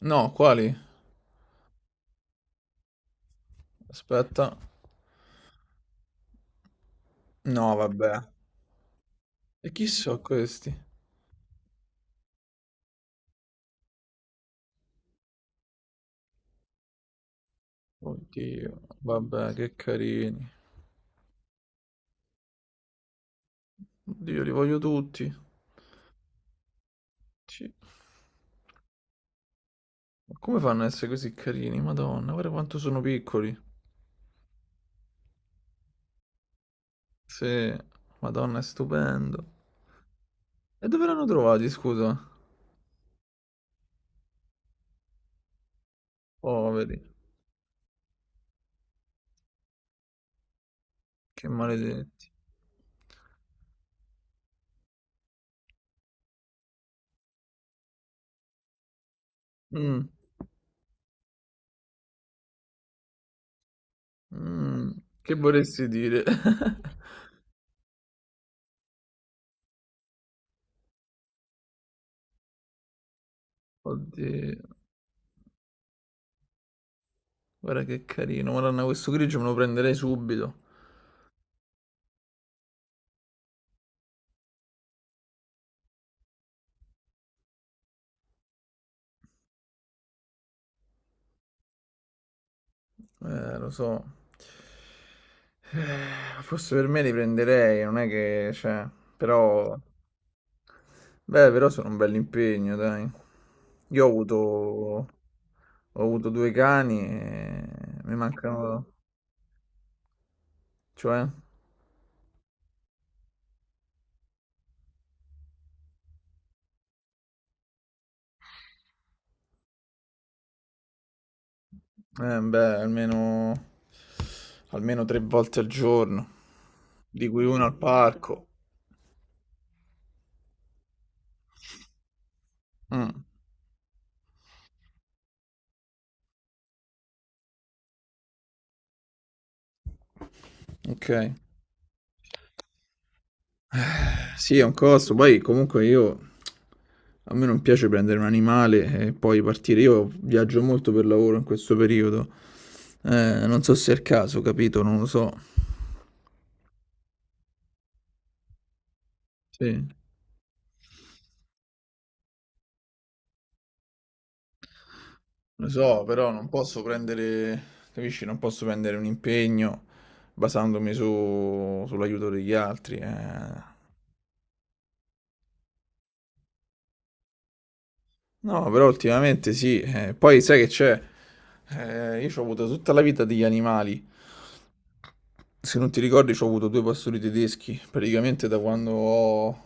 No, quali? Aspetta. No, vabbè. E chi sono questi? Oddio, vabbè, che carini. Oddio, li voglio tutti. Sì. Ma come fanno a essere così carini? Madonna, guarda quanto sono piccoli. Sì, Madonna, è stupendo. E dove l'hanno trovati, scusa? Poveri, che maledetti. Mm, mm, che vorresti dire? Oddio, guarda che carino. Madonna, questo grigio me lo prenderei subito. Lo so. Forse per me li prenderei, non è che, cioè, però, beh, però sono un bel impegno, dai. Io ho avuto, ho avuto due cani e mi mancano, cioè, beh, almeno, almeno tre volte al giorno, di cui uno al parco. Mm, ok. Sì, è un costo. Poi comunque io a me non piace prendere un animale e poi partire. Io viaggio molto per lavoro in questo periodo. Non so se è il caso, capito? Non lo so. Sì, lo so, però non posso prendere, capisci? Non posso prendere un impegno basandomi sull'aiuto degli altri. No, però ultimamente sì. Poi sai che c'è? Io ho avuto tutta la vita degli animali. Se non ti ricordi, ho avuto due pastori tedeschi, praticamente da quando ho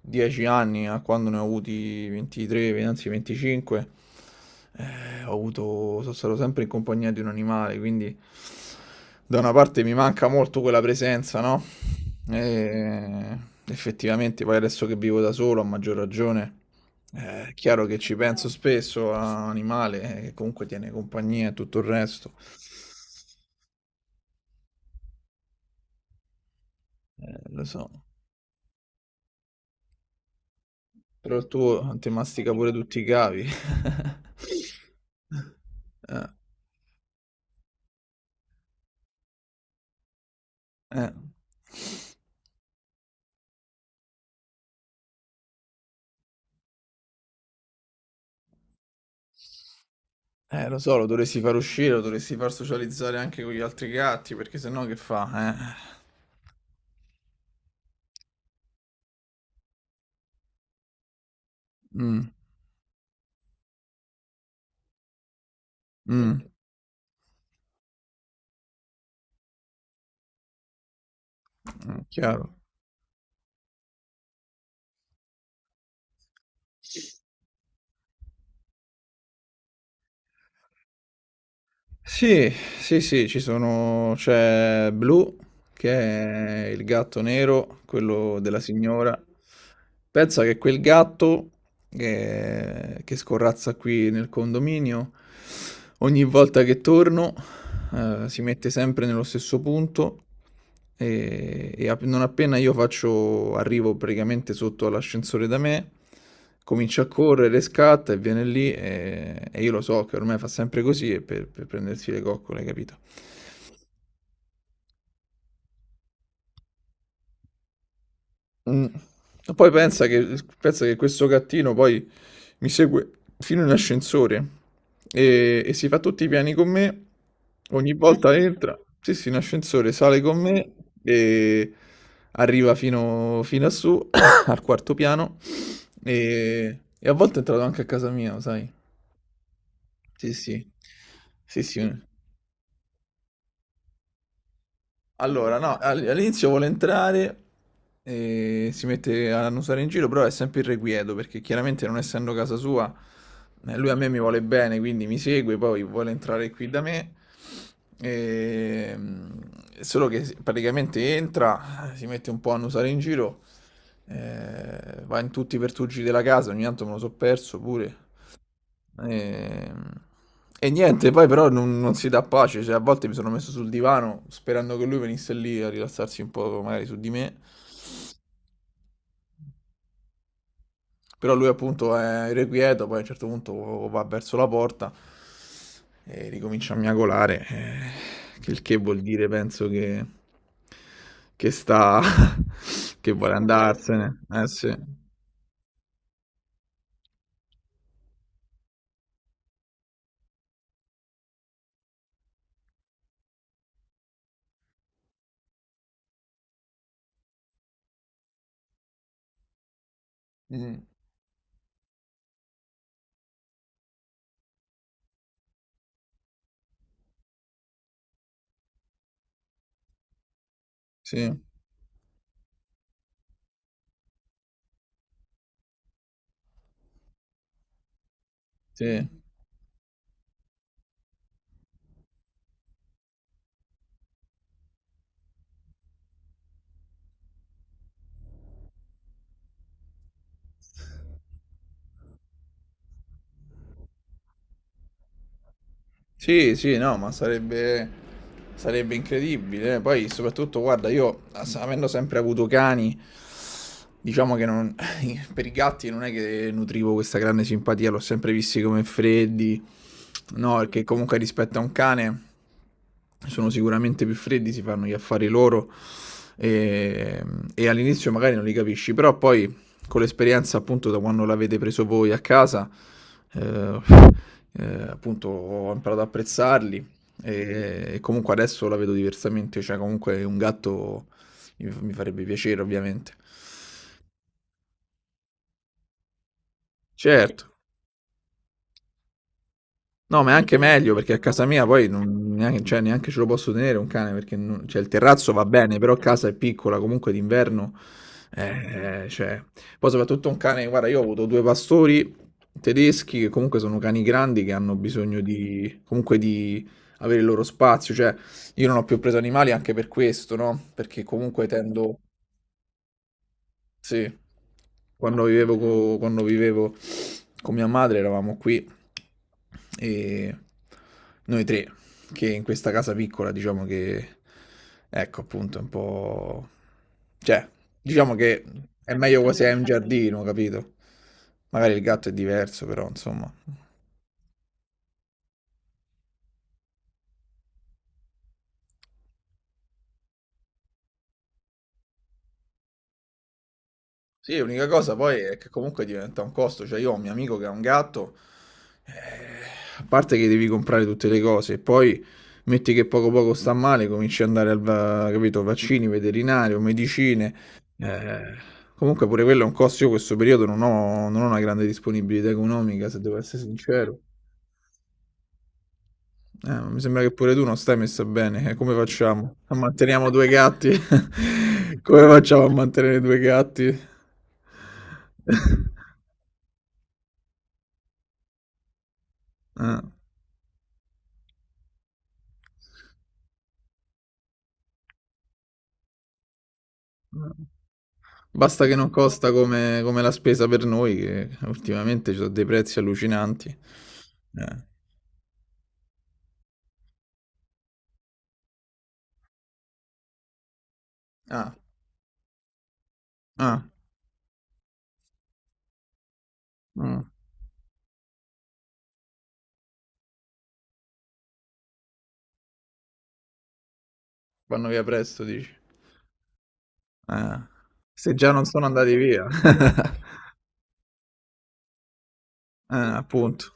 10 anni a quando ne ho avuti 23, anzi 25, sono stato sempre in compagnia di un animale, quindi da una parte mi manca molto quella presenza, no? E effettivamente, poi adesso che vivo da solo, a maggior ragione, è chiaro che ci penso spesso a un animale che comunque tiene compagnia e tutto il resto. Lo so. Però il tuo ti mastica pure tutti i cavi. Eh, eh. Lo so, lo dovresti far uscire, lo dovresti far socializzare anche con gli altri gatti, perché sennò che fa? Eh? Mm, mm, chiaro. Sì, sì, sì, ci sono, c'è Blue, che è il gatto nero, quello della signora. Pensa che quel gatto che scorrazza qui nel condominio, ogni volta che torno, si mette sempre nello stesso punto e non appena arrivo praticamente sotto all'ascensore da me, comincia a correre, scatta e viene lì e io lo so che ormai fa sempre così e per prendersi le coccole, capito? Mm. Pensa che questo gattino poi mi segue fino in ascensore e si fa tutti i piani con me. Ogni volta entra, sì, sì, in ascensore, sale con me e arriva fino a su, al quarto piano. E a volte è entrato anche a casa mia, sai? Sì, sì, sì, sì. Allora, no, all'inizio vuole entrare e si mette a annusare in giro, però è sempre irrequieto perché chiaramente non essendo casa sua, lui a me mi vuole bene, quindi mi segue, poi vuole entrare qui da me. E, mm, solo che praticamente entra, si mette un po' a annusare in giro, va in tutti i pertugi della casa, ogni tanto me lo so perso pure. E, e niente, poi però non si dà pace, cioè a volte mi sono messo sul divano sperando che lui venisse lì a rilassarsi un po' magari su di me, però lui appunto è irrequieto, poi a un certo punto va verso la porta e ricomincia a miagolare, che il che vuol dire penso che sta, che vuole sta per andarsene. Andarsene, eh sì, Mm, sì, sì. Sì, sì, no, ma sarebbe, sarebbe incredibile. Poi, soprattutto, guarda, io avendo sempre avuto cani, diciamo che per i gatti non è che nutrivo questa grande simpatia, l'ho sempre visti come freddi. No, perché comunque rispetto a un cane sono sicuramente più freddi, si fanno gli affari loro e, e all'inizio magari non li capisci, però poi con l'esperienza appunto da quando l'avete preso voi a casa, eh, appunto ho imparato ad apprezzarli e comunque adesso la vedo diversamente, cioè comunque un gatto mi farebbe piacere ovviamente. Certo. No, ma è anche meglio perché a casa mia poi neanche, cioè, neanche ce lo posso tenere un cane perché cioè, il terrazzo va bene, però casa è piccola, comunque d'inverno. eh, cioè. Poi soprattutto un cane, guarda, io ho avuto due pastori tedeschi che comunque sono cani grandi che hanno bisogno di, comunque di avere il loro spazio. Cioè, io non ho più preso animali anche per questo, no? Perché comunque tendo... Sì, quando vivevo con mia madre eravamo qui e noi tre, che in questa casa piccola diciamo che, ecco appunto, è un po'... cioè, diciamo che è È meglio più quasi hai un tranquilla. Giardino, capito? Magari il gatto è diverso, però insomma... Sì, l'unica cosa poi è che comunque diventa un costo, cioè io ho un mio amico che ha un gatto, eh, a parte che devi comprare tutte le cose, e poi metti che poco poco sta male, cominci ad andare capito, vaccini, veterinario, medicine, eh, comunque pure quello è un costo, io in questo periodo non ho una grande disponibilità economica, se devo essere sincero. Ma mi sembra che pure tu non stai messa bene, come facciamo? Manteniamo due gatti? Come facciamo a mantenere due gatti? Eh, eh. Basta che non costa come la spesa per noi, che ultimamente ci sono dei prezzi allucinanti. Eh. Ah, ah, mm, vanno via presto, dici. Eh, Se già non sono andati via. Appunto.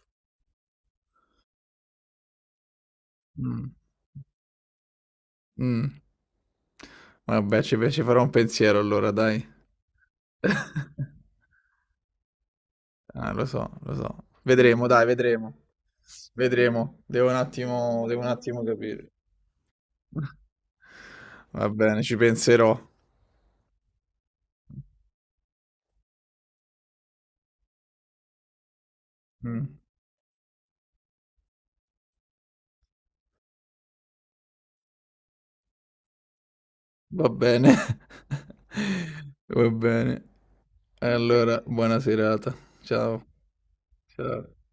Mm, mm. Vabbè, ci farò un pensiero allora, dai. Ah, lo so, lo so. Vedremo, dai, vedremo. Vedremo. Devo un attimo capire. Va bene, ci penserò. Mm, Va bene. Va bene. Allora, buona serata. Ciao. Ciao.